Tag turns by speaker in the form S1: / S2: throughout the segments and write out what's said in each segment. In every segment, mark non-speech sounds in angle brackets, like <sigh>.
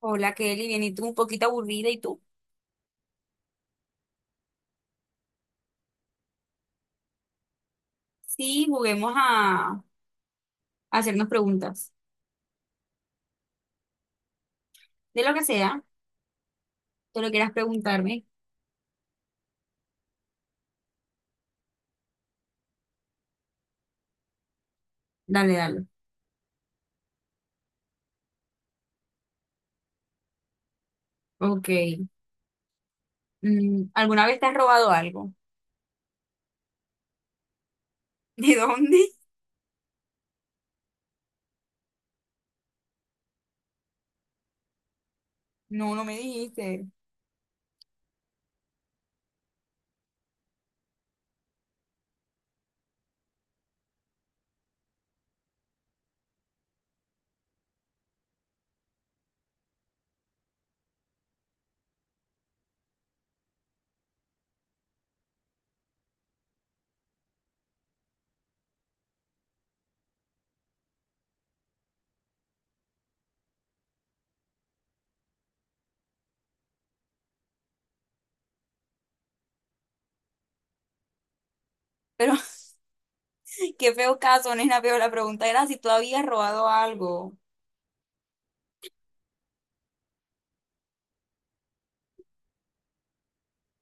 S1: Hola Kelly, bien, y tú un poquito aburrida, ¿y tú? Sí, juguemos a hacernos preguntas. De lo que sea, tú lo quieras preguntarme, dale, dale. Ok. ¿Alguna vez te has robado algo? <laughs> ¿De dónde? No, no me dijiste. Pero <laughs> qué feo caso, nena, pero la pregunta era si tú habías robado algo.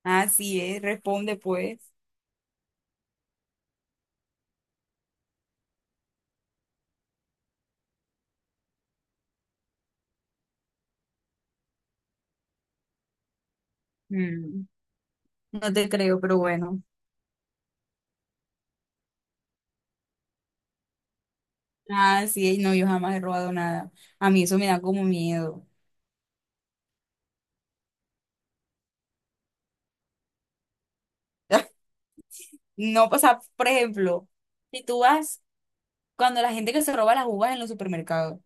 S1: Así es, responde pues. Mm, no te creo, pero bueno. Así es, no, yo jamás he robado nada. A mí eso me da como miedo. <laughs> No, o sea, por ejemplo. Si tú vas cuando la gente que se roba las uvas en los supermercados.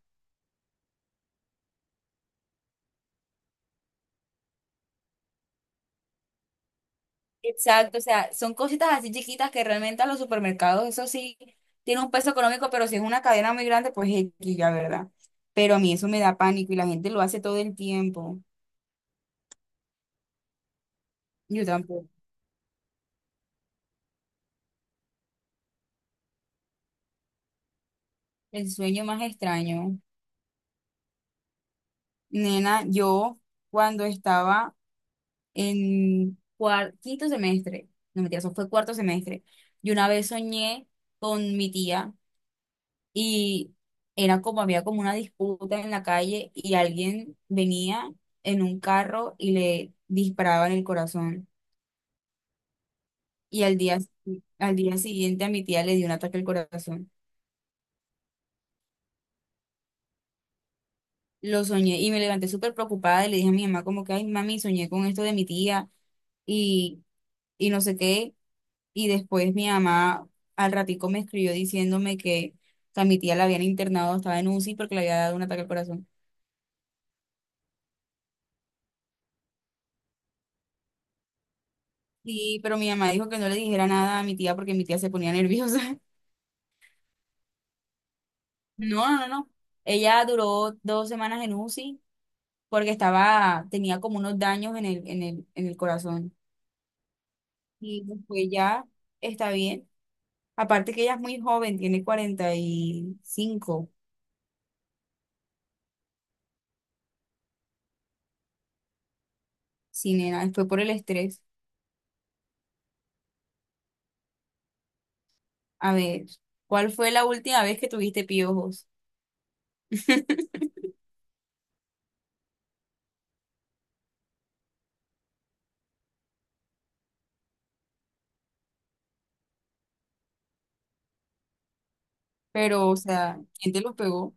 S1: Exacto, o sea, son cositas así chiquitas que realmente a los supermercados, eso sí, tiene un peso económico, pero si es una cadena muy grande, pues X, ya, ¿verdad? Pero a mí eso me da pánico y la gente lo hace todo el tiempo. Yo tampoco. El sueño más extraño. Nena, yo cuando estaba en quinto semestre, no mentira, eso fue cuarto semestre, yo una vez soñé con mi tía. Y era como, había como una disputa en la calle y alguien venía en un carro y le disparaba en el corazón. Y al día siguiente a mi tía le dio un ataque al corazón. Lo soñé y me levanté súper preocupada y le dije a mi mamá como que, ay, mami, soñé con esto de mi tía y, y no sé qué. Y después mi mamá al ratico me escribió diciéndome que a mi tía la habían internado, estaba en U UCI porque le había dado un ataque al corazón. Sí, pero mi mamá dijo que no le dijera nada a mi tía porque mi tía se ponía nerviosa. <laughs> No, no, no. Ella duró dos semanas en UCI porque estaba, tenía como unos daños en el corazón. Y después ya está bien. Aparte que ella es muy joven, tiene 45, sí, nena, fue por el estrés. A ver, ¿cuál fue la última vez que tuviste piojos? <laughs> Pero, o sea, ¿quién te los pegó?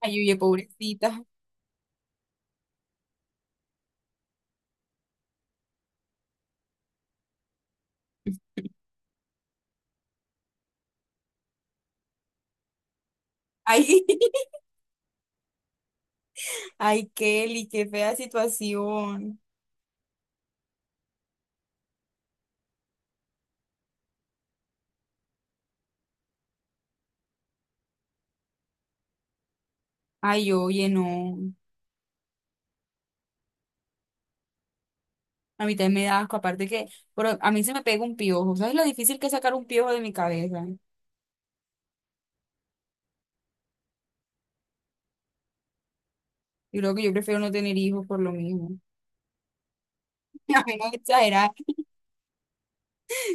S1: Ay, oye, pobrecita. Ay, <laughs> ay, Kelly, qué fea situación. Ay, oye, no. A mí también me da asco, aparte que, pero a mí se me pega un piojo. ¿Sabes lo difícil que es sacar un piojo de mi cabeza? Yo creo que yo prefiero no tener hijos por lo mismo. <laughs> A mí no exagerar.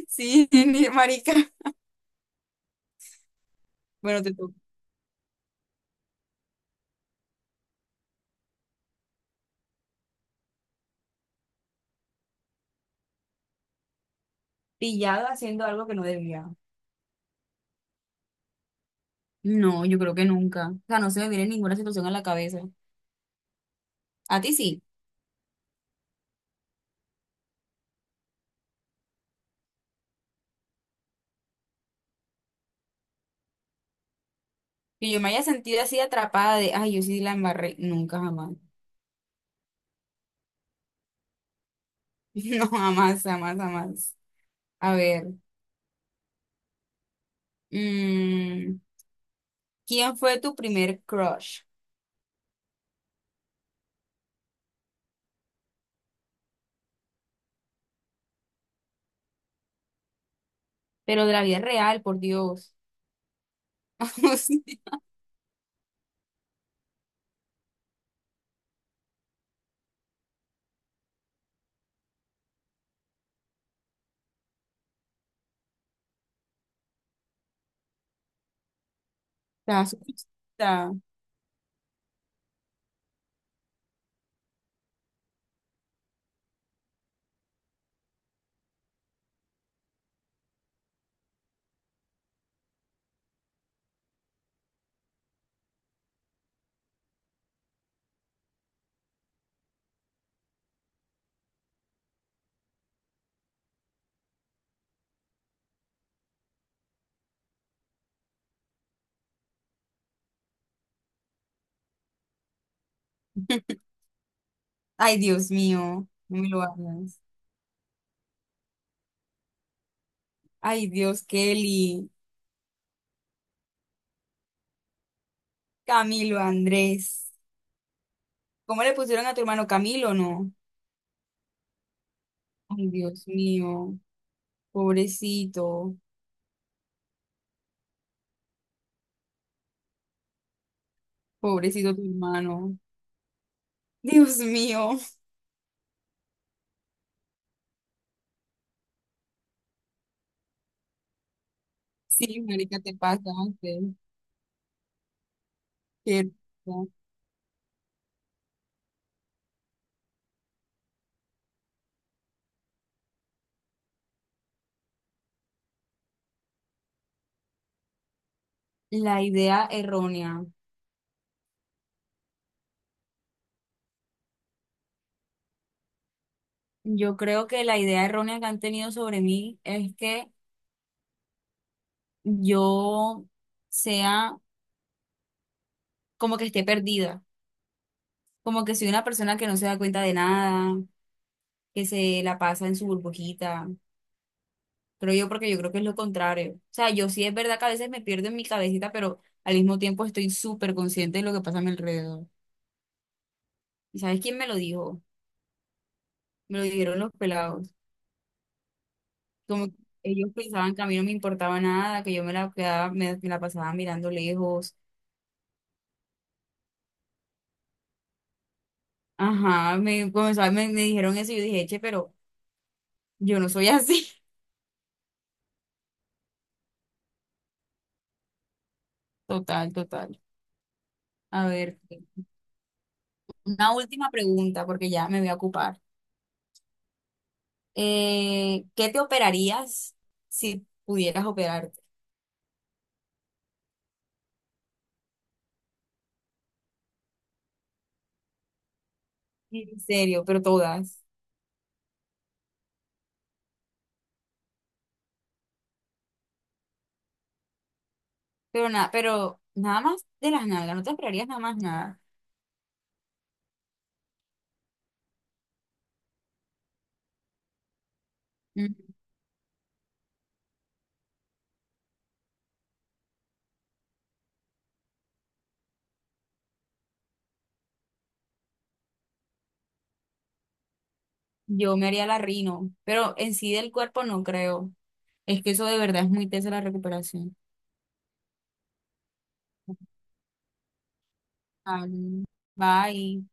S1: Sí, <laughs> marica. Bueno, te toca. Pillado haciendo algo que no debía. No, yo creo que nunca. O sea, no se me viene ninguna situación a la cabeza. A ti sí. Que yo me haya sentido así atrapada de, ay, yo sí la embarré. Nunca, jamás. <laughs> No, jamás, jamás, jamás. A ver. mm, ¿Quién fue tu primer crush? Pero de la vida real, por Dios. <laughs> Sí, está surrealista. Ay, Dios mío, no me lo hagas. Ay, Dios, Kelly, Camilo, Andrés. ¿Cómo le pusieron a tu hermano Camilo, no? Ay, Dios mío, pobrecito, pobrecito tu hermano. Dios mío. Sí, marica, te pasaste. Qué risa. La idea errónea. Yo creo que la idea errónea que han tenido sobre mí es que yo sea como que esté perdida, como que soy una persona que no se da cuenta de nada, que se la pasa en su burbujita. Creo yo porque yo creo que es lo contrario. O sea, yo sí es verdad que a veces me pierdo en mi cabecita, pero al mismo tiempo estoy súper consciente de lo que pasa a mi alrededor. ¿Y sabes quién me lo dijo? Me lo dijeron los pelados. Como que ellos pensaban que a mí no me importaba nada, que yo me la pasaba mirando lejos. Ajá, me, comenzó a- me dijeron eso y yo dije, che, pero yo no soy así. <laughs> Total, total. A ver. Una última pregunta, porque ya me voy a ocupar. ¿Qué te operarías si pudieras operarte? En serio, pero todas. Pero nada más de las nalgas, no te operarías nada más nada. Mm, Yo me haría la rino, pero en sí del cuerpo no creo. Es que eso de verdad es muy tesa la recuperación. Ah, bye.